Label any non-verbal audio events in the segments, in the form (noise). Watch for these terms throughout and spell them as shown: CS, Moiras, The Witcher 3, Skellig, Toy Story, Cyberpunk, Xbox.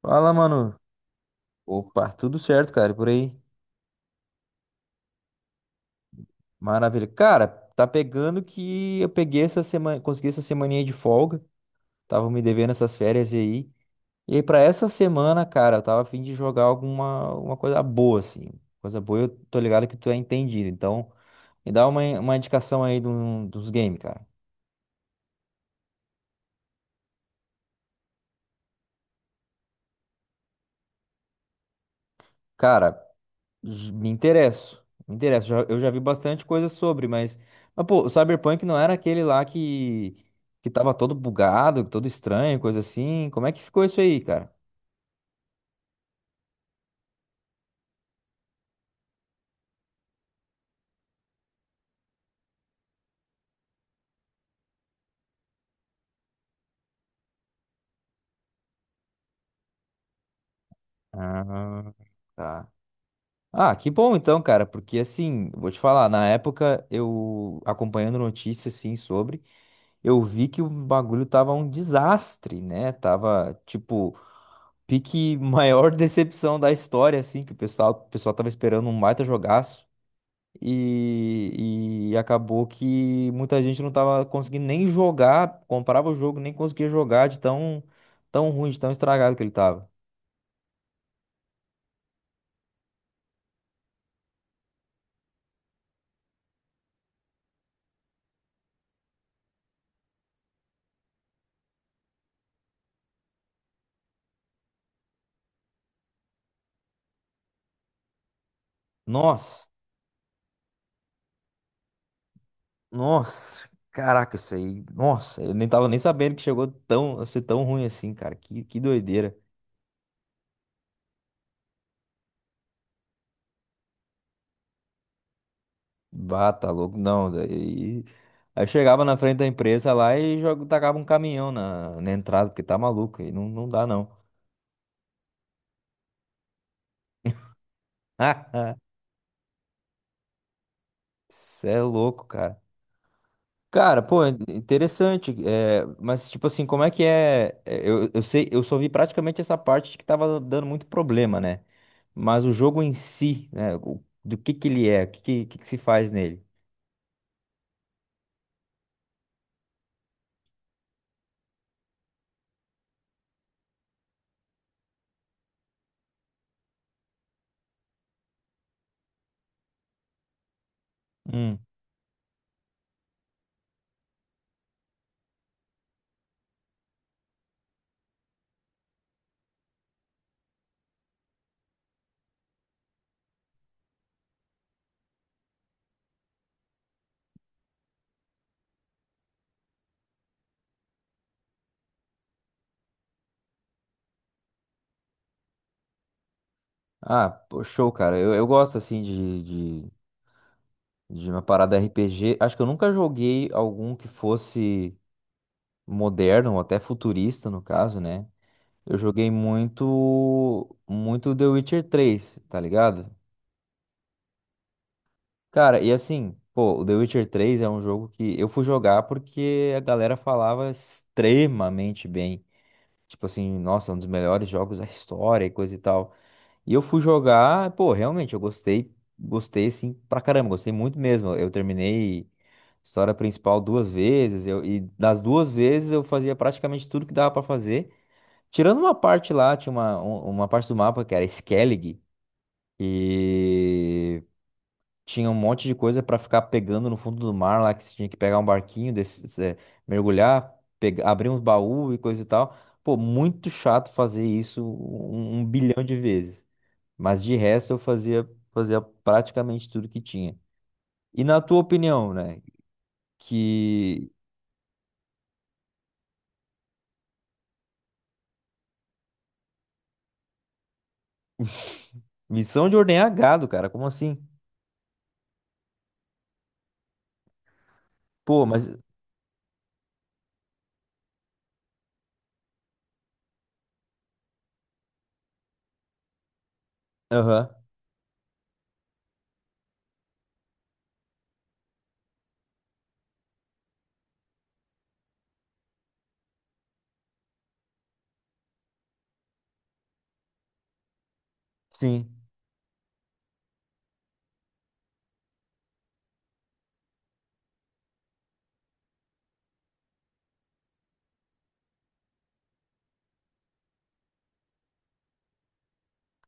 Fala, mano. Opa, tudo certo, cara, e por aí. Maravilha. Cara, tá pegando que eu peguei essa semana, consegui essa semaninha de folga. Tava me devendo essas férias aí. E aí, pra essa semana, cara, eu tava a fim de jogar alguma coisa boa, assim. Coisa boa, eu tô ligado que tu é entendido. Então, me dá uma indicação aí de dos games, cara. Cara, me interesso. Me interesso. Eu já vi bastante coisa sobre, mas pô, o Cyberpunk não era aquele lá que tava todo bugado, todo estranho, coisa assim. Como é que ficou isso aí, cara? Ah, tá. Ah, que bom então, cara, porque assim, vou te falar, na época eu acompanhando notícias assim sobre, eu vi que o bagulho tava um desastre, né? Tava tipo pique maior (laughs) decepção da história assim, que o pessoal tava esperando um baita jogaço. E acabou que muita gente não tava conseguindo nem jogar, comprava o jogo, nem conseguia jogar de tão, tão ruim, de tão estragado que ele tava. Nossa, nossa, caraca, isso aí, nossa, eu nem tava nem sabendo que chegou tão, a ser tão ruim assim, cara, que doideira. Bah, tá louco, não, daí. Aí chegava na frente da empresa lá e joga, tacava um caminhão na entrada, porque tá maluco, aí não, não dá não. (laughs) Cê é louco, cara. Cara, pô, interessante. É, mas, tipo assim, como é que é? Eu sei, eu só vi praticamente essa parte de que tava dando muito problema, né? Mas o jogo em si, né? Do que ele é? O que que se faz nele? Hum. Ah, pô, show, cara. Eu gosto, assim, de, de uma parada RPG. Acho que eu nunca joguei algum que fosse moderno, ou até futurista, no caso, né? Eu joguei muito, muito The Witcher 3, tá ligado? Cara, e assim, pô, o The Witcher 3 é um jogo que eu fui jogar porque a galera falava extremamente bem. Tipo assim, nossa, um dos melhores jogos da história e coisa e tal. E eu fui jogar, pô, realmente, eu gostei, gostei assim pra caramba, gostei muito mesmo. Eu terminei a história principal duas vezes, e das duas vezes eu fazia praticamente tudo que dava pra fazer. Tirando uma parte lá, tinha uma parte do mapa que era Skellig, e tinha um monte de coisa pra ficar pegando no fundo do mar lá, que você tinha que pegar um barquinho, desses, mergulhar, abrir uns baús e coisa e tal. Pô, muito chato fazer isso um bilhão de vezes. Mas de resto eu fazia, praticamente tudo que tinha. E na tua opinião, né? Que. (laughs) Missão de ordenhar gado, cara, como assim? Pô, mas. Aham, sim.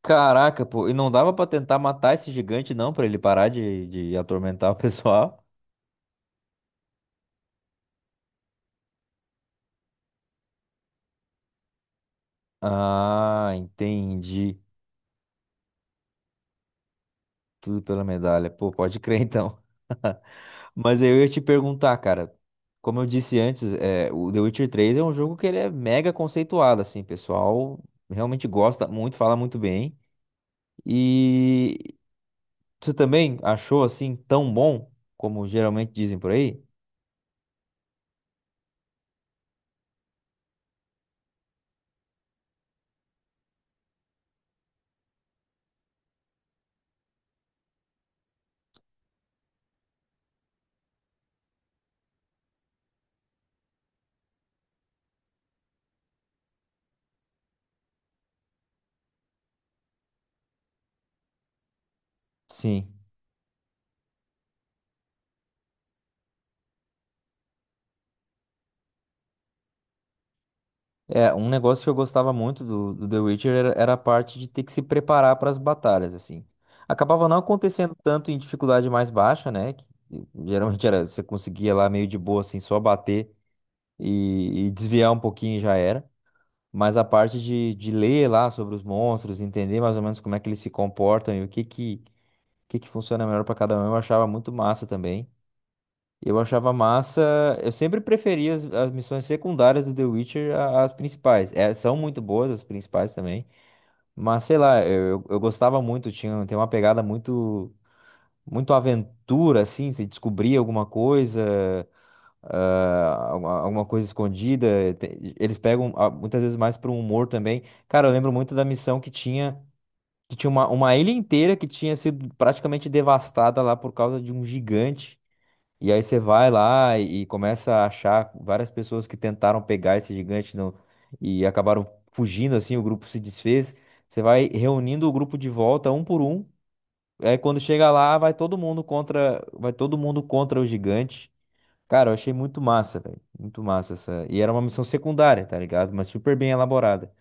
Caraca, pô, e não dava pra tentar matar esse gigante, não, pra ele parar de atormentar o (laughs) pessoal? Ah, entendi. Tudo pela medalha. Pô, pode crer então. (laughs) Mas eu ia te perguntar, cara. Como eu disse antes, o The Witcher 3 é um jogo que ele é mega conceituado, assim, o pessoal realmente gosta muito, fala muito bem. E você também achou assim tão bom como geralmente dizem por aí? Sim. É, um negócio que eu gostava muito do The Witcher era a parte de ter que se preparar para as batalhas, assim. Acabava não acontecendo tanto em dificuldade mais baixa, né? Que, geralmente era, você conseguia lá meio de boa, assim, só bater e desviar um pouquinho e já era. Mas a parte de ler lá sobre os monstros, entender mais ou menos como é que eles se comportam e que funciona melhor para cada um, eu achava muito massa também. Eu achava massa. Eu sempre preferi as missões secundárias do The Witcher às principais. É, são muito boas as principais também. Mas sei lá, eu gostava muito. Tem uma pegada muito, muito aventura, assim. Se descobrir alguma coisa, alguma coisa escondida. Eles pegam muitas vezes mais para um humor também. Cara, eu lembro muito da missão que tinha, uma ilha inteira que tinha sido praticamente devastada lá por causa de um gigante. E aí você vai lá e começa a achar várias pessoas que tentaram pegar esse gigante e acabaram fugindo, assim, o grupo se desfez. Você vai reunindo o grupo de volta um por um. Aí quando chega lá, vai todo mundo contra o gigante. Cara, eu achei muito massa, velho. Muito massa essa. E era uma missão secundária, tá ligado? Mas super bem elaborada.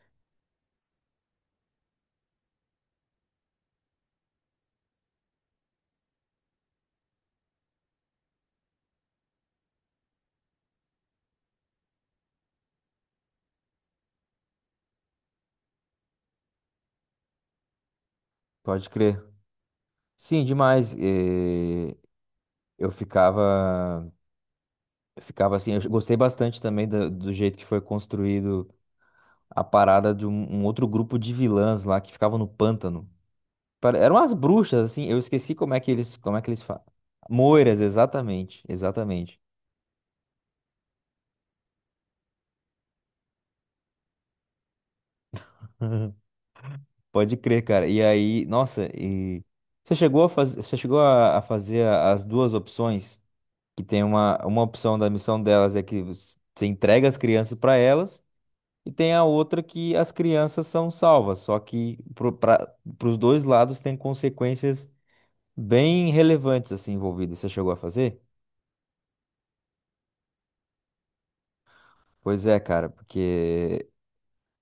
Pode crer. Sim, demais. Eu ficava, eu ficava assim, eu gostei bastante também do jeito que foi construído a parada de um outro grupo de vilãs lá que ficavam no pântano. Eram as bruxas, assim, eu esqueci como é que eles falam. Moiras, exatamente, exatamente. (laughs) Pode crer, cara. E aí, nossa, e você chegou a fazer as duas opções, que tem uma opção da missão delas é que você entrega as crianças para elas, e tem a outra que as crianças são salvas, só que para os dois lados tem consequências bem relevantes assim envolvidas. Você chegou a fazer? Pois é, cara, porque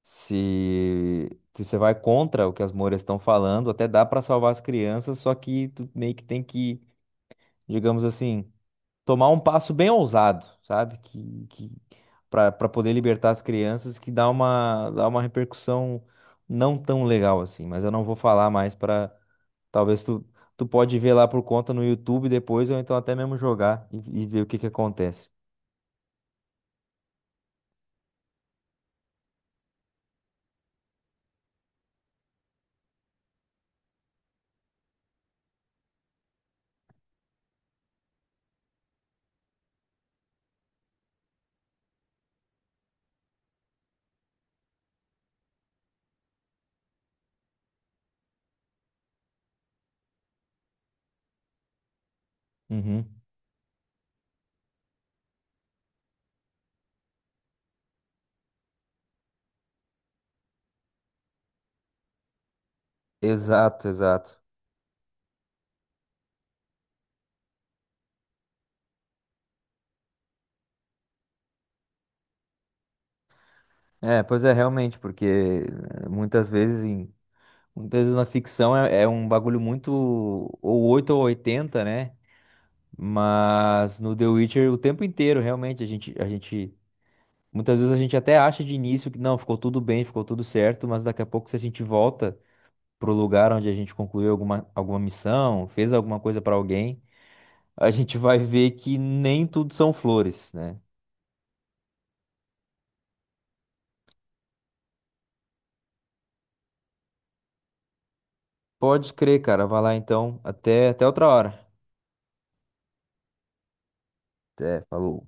se, se você vai contra o que as Moras estão falando, até dá para salvar as crianças, só que tu meio que tem que, digamos assim, tomar um passo bem ousado, sabe? Que para poder libertar as crianças, que dá uma repercussão não tão legal assim, mas eu não vou falar mais para talvez tu. Tu pode ver lá por conta no YouTube depois, ou então até mesmo jogar e ver o que que acontece. Uhum. Exato, exato. É, pois é, realmente, porque muitas vezes muitas vezes na ficção é um bagulho muito ou 8 ou 80, né? Mas no The Witcher o tempo inteiro, realmente, a gente muitas vezes a gente até acha de início que não, ficou tudo bem, ficou tudo certo, mas daqui a pouco se a gente volta pro lugar onde a gente concluiu alguma missão, fez alguma coisa pra alguém, a (laughs) gente vai ver que nem tudo são flores, né? Pode crer, cara, vai lá então, até outra hora. Até, falou.